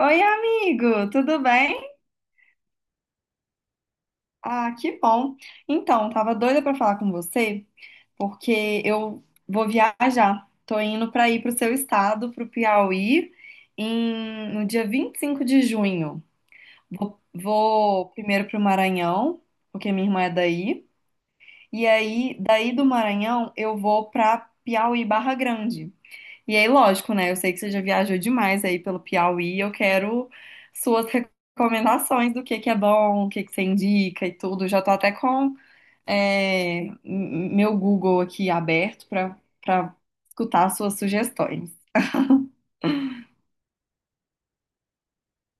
Oi, amigo, tudo bem? Ah, que bom. Então, tava doida pra falar com você, porque eu vou viajar. Tô indo pra ir pro seu estado, pro Piauí, no dia 25 de junho. Vou primeiro pro Maranhão, porque minha irmã é daí, e aí daí do Maranhão eu vou pra Piauí Barra Grande. E aí, lógico, né? Eu sei que você já viajou demais aí pelo Piauí. Eu quero suas recomendações do que é bom, o que que você indica e tudo. Já tô até com meu Google aqui aberto para escutar suas sugestões.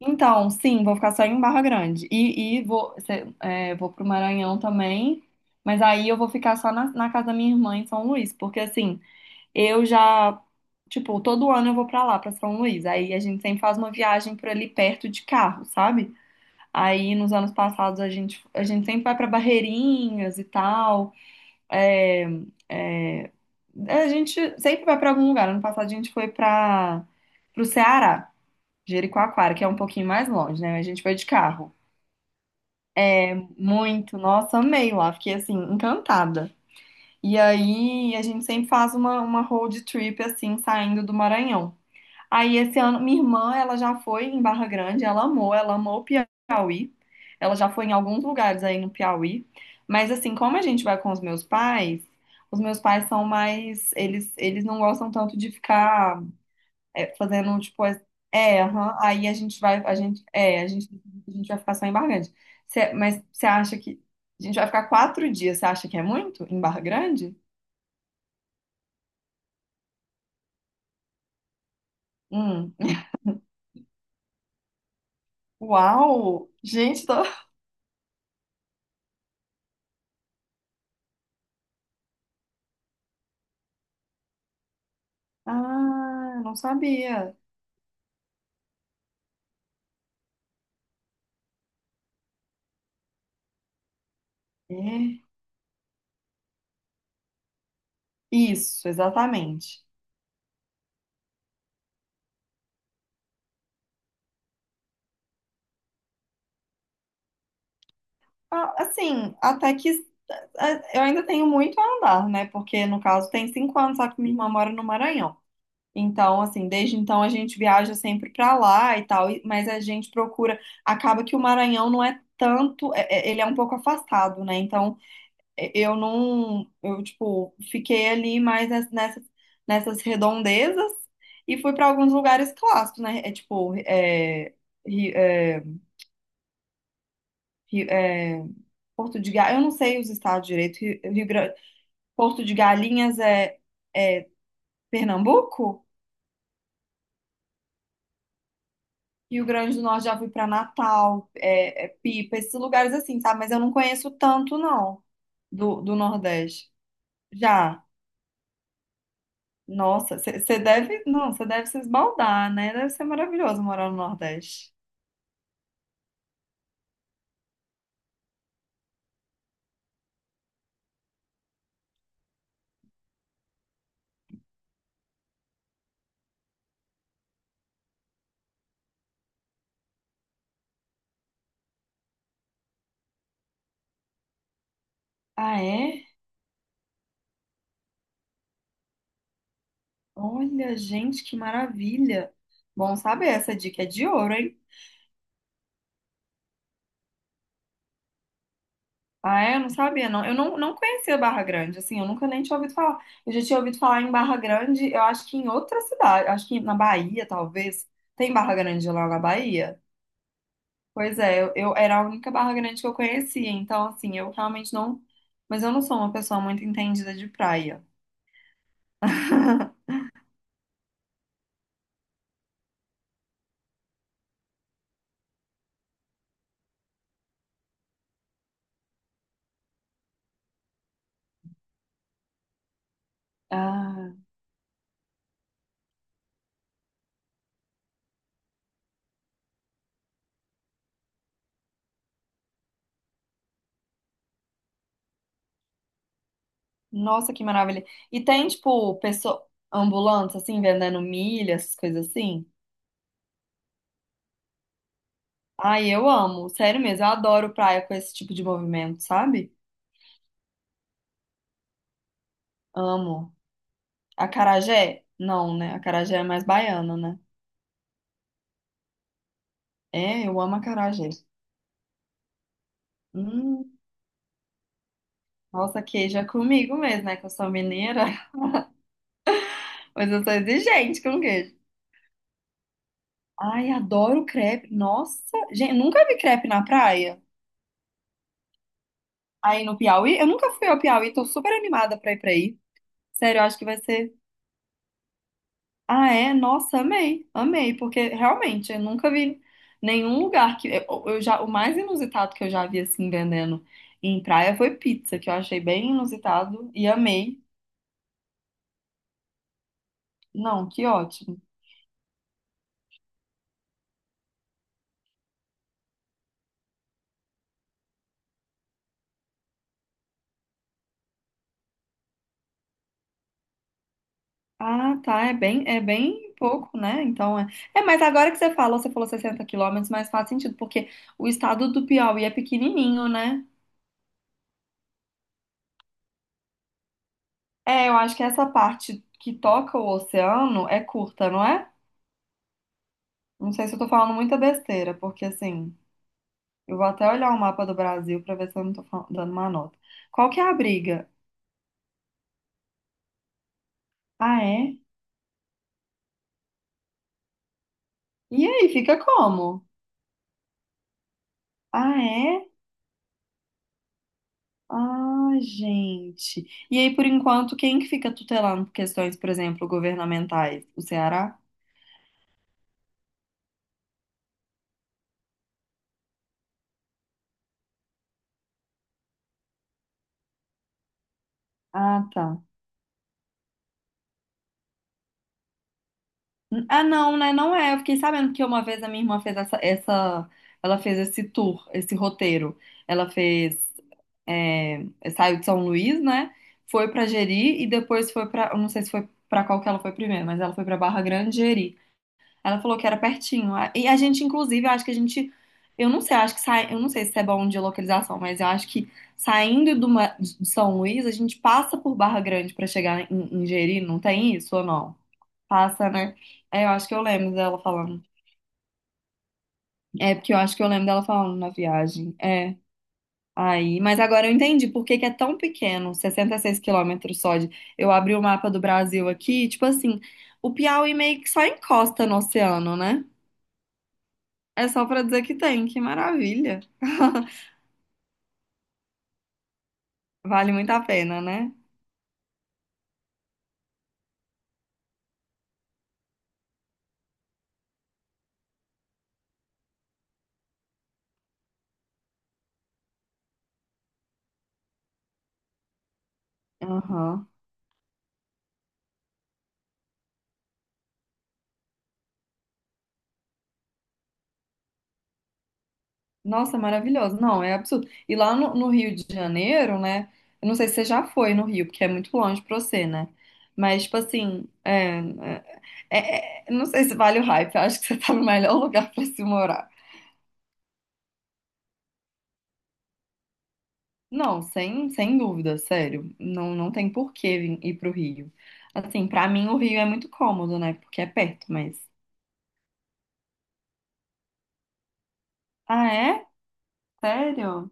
Então, sim, vou ficar só em Barra Grande. E vou pro Maranhão também. Mas aí eu vou ficar só na casa da minha irmã em São Luís, porque assim. Eu já, tipo, todo ano eu vou pra lá, pra São Luís. Aí a gente sempre faz uma viagem por ali perto de carro, sabe? Aí nos anos passados a gente sempre vai pra Barreirinhas e tal. É, é, a gente sempre vai pra algum lugar. Ano passado a gente foi para pro Ceará, Jericoacoara, que é um pouquinho mais longe, né? A gente foi de carro. Muito, nossa, amei lá, fiquei assim, encantada. E aí a gente sempre faz uma road trip assim, saindo do Maranhão. Aí esse ano, minha irmã, ela já foi em Barra Grande, ela amou o Piauí. Ela já foi em alguns lugares aí no Piauí. Mas assim, como a gente vai com os meus pais são mais, eles não gostam tanto de ficar fazendo tipo é, aham, aí a gente vai, a gente é, a gente vai ficar só em Barra Grande. Mas você acha que a gente vai ficar 4 dias? Você acha que é muito em Barra Grande? Hum. Uau! Gente, tô. Ah, não sabia. É. Isso, exatamente. Ah, assim, até que eu ainda tenho muito a andar, né? Porque no caso tem 5 anos, só que minha irmã mora no Maranhão. Então, assim, desde então a gente viaja sempre pra lá e tal, mas a gente procura. Acaba que o Maranhão não é tanto, ele é um pouco afastado, né? Então, eu não, eu tipo, fiquei ali mais nessas redondezas e fui pra alguns lugares clássicos, né? É tipo, Ri- é, Ri- é, Porto de Galinhas, eu não sei os estados direito. Rio Grande, Porto de Galinhas é Pernambuco? Rio Grande do Norte já fui para Natal, é Pipa, esses lugares assim, sabe? Mas eu não conheço tanto, não, do Nordeste. Já, nossa, você deve, não, você deve se esbaldar, né? Deve ser maravilhoso morar no Nordeste. Ah, é? Olha, gente, que maravilha. Bom saber, essa dica é de ouro, hein? Ah, é? Eu não sabia, não. Eu não conhecia Barra Grande, assim, eu nunca nem tinha ouvido falar. Eu já tinha ouvido falar em Barra Grande, eu acho que em outra cidade, acho que na Bahia, talvez. Tem Barra Grande lá na Bahia? Pois é, eu era a única Barra Grande que eu conhecia, então, assim, eu realmente não. Mas eu não sou uma pessoa muito entendida de praia. Ah, nossa, que maravilha. E tem, tipo, pessoa, ambulância, assim, vendendo milha, essas coisas assim? Ai, eu amo, sério mesmo, eu adoro praia com esse tipo de movimento, sabe? Amo. Acarajé? Não, né? Acarajé é mais baiano, né? É, eu amo acarajé. Hum, nossa, queijo é comigo mesmo, né? Que eu sou mineira, mas eu sou exigente com queijo. Ai, adoro crepe. Nossa, gente, nunca vi crepe na praia. Aí no Piauí, eu nunca fui ao Piauí, tô super animada pra ir pra aí. Sério, eu acho que vai ser. Ah, é? Nossa, amei, amei, porque realmente eu nunca vi nenhum lugar que eu já o mais inusitado que eu já vi assim vendendo em praia foi pizza, que eu achei bem inusitado e amei. Não, que ótimo. Ah, tá, é bem pouco, né? Então é. É, mas agora que você fala, você falou 60 quilômetros, mas faz sentido, porque o estado do Piauí é pequenininho, né? É, eu acho que essa parte que toca o oceano é curta, não é? Não sei se eu tô falando muita besteira, porque assim. Eu vou até olhar o mapa do Brasil pra ver se eu não tô dando uma nota. Qual que é a briga? Ah, é? E aí, fica como? Ah, é? Ah, gente. E aí, por enquanto, quem que fica tutelando questões, por exemplo, governamentais? O Ceará? Ah, tá. Ah, não, né? Não é. Eu fiquei sabendo que uma vez a minha irmã fez essa, essa, ela fez esse tour, esse roteiro. Ela fez, é, saiu de São Luís, né? Foi pra Jeri e depois foi pra, eu não sei se foi pra qual que ela foi primeiro, mas ela foi pra Barra Grande e Jeri. Ela falou que era pertinho. E a gente, inclusive, eu acho que a gente, eu não sei, eu acho que sai, eu não sei se é bom de localização, mas eu acho que saindo do de São Luís, a gente passa por Barra Grande pra chegar em Jeri, não tem isso ou não? Passa, né? É, eu acho que eu lembro dela falando. É, porque eu acho que eu lembro dela falando na viagem. É. Aí, mas agora eu entendi por que que é tão pequeno, 66 quilômetros só de. Eu abri o mapa do Brasil aqui, tipo assim, o Piauí meio que só encosta no oceano, né? É só pra dizer que tem, que maravilha. Vale muito a pena, né? Aham. Nossa, maravilhoso. Não, é absurdo. E lá no Rio de Janeiro, né? Eu não sei se você já foi no Rio, porque é muito longe pra você, né? Mas, tipo assim, não sei se vale o hype, eu acho que você tá no melhor lugar pra se morar. Não, sem dúvida, sério. Não, não tem por que ir pro Rio. Assim, pra mim o Rio é muito cômodo, né? Porque é perto, mas. Ah, é? Sério?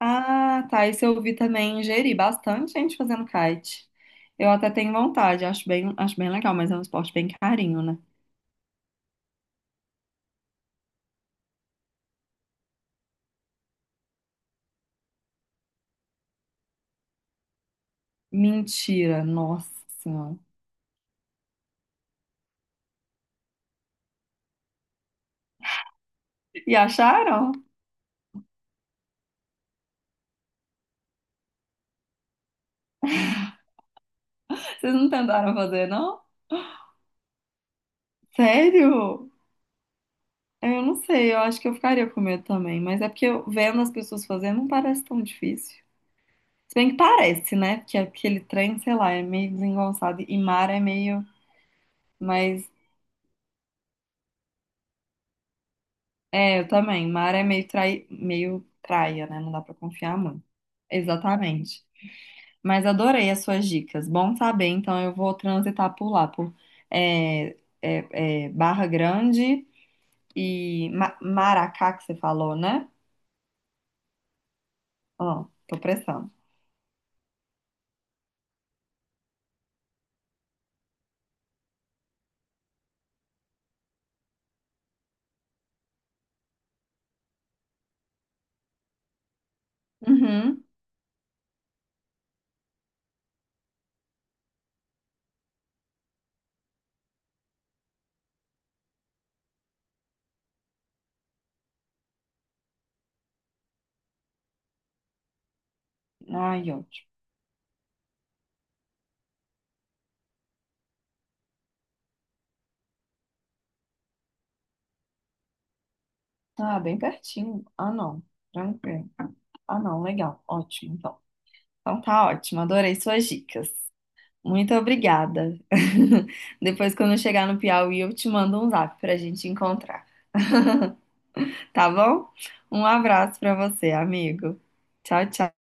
Ah, tá. Isso eu vi também em Jeri, bastante gente fazendo kite. Eu até tenho vontade, acho bem legal, mas é um esporte bem carinho, né? Mentira, nossa senhora. E acharam? Vocês não tentaram fazer, não? Sério? É, eu não sei, eu acho que eu ficaria com medo também, mas é porque eu, vendo as pessoas fazendo não parece tão difícil. Se bem que parece, né? Porque aquele trem, sei lá, é meio desengonçado e mar é meio, mas é, eu também, mar é meio trai, meio praia, né? Não dá pra confiar muito. Exatamente. Mas adorei as suas dicas. Bom saber, então eu vou transitar por lá, por é, Barra Grande e Maracá que você falou, né? Ó, tô prestando. Uhum. Ai, ótimo. Ah, bem pertinho. Ah, não. Tranquilo. Ah, não. Legal. Ótimo, então. Então tá ótimo. Adorei suas dicas. Muito obrigada. Depois, quando eu chegar no Piauí, eu te mando um zap pra gente encontrar, tá bom? Um abraço pra você, amigo. Tchau, tchau.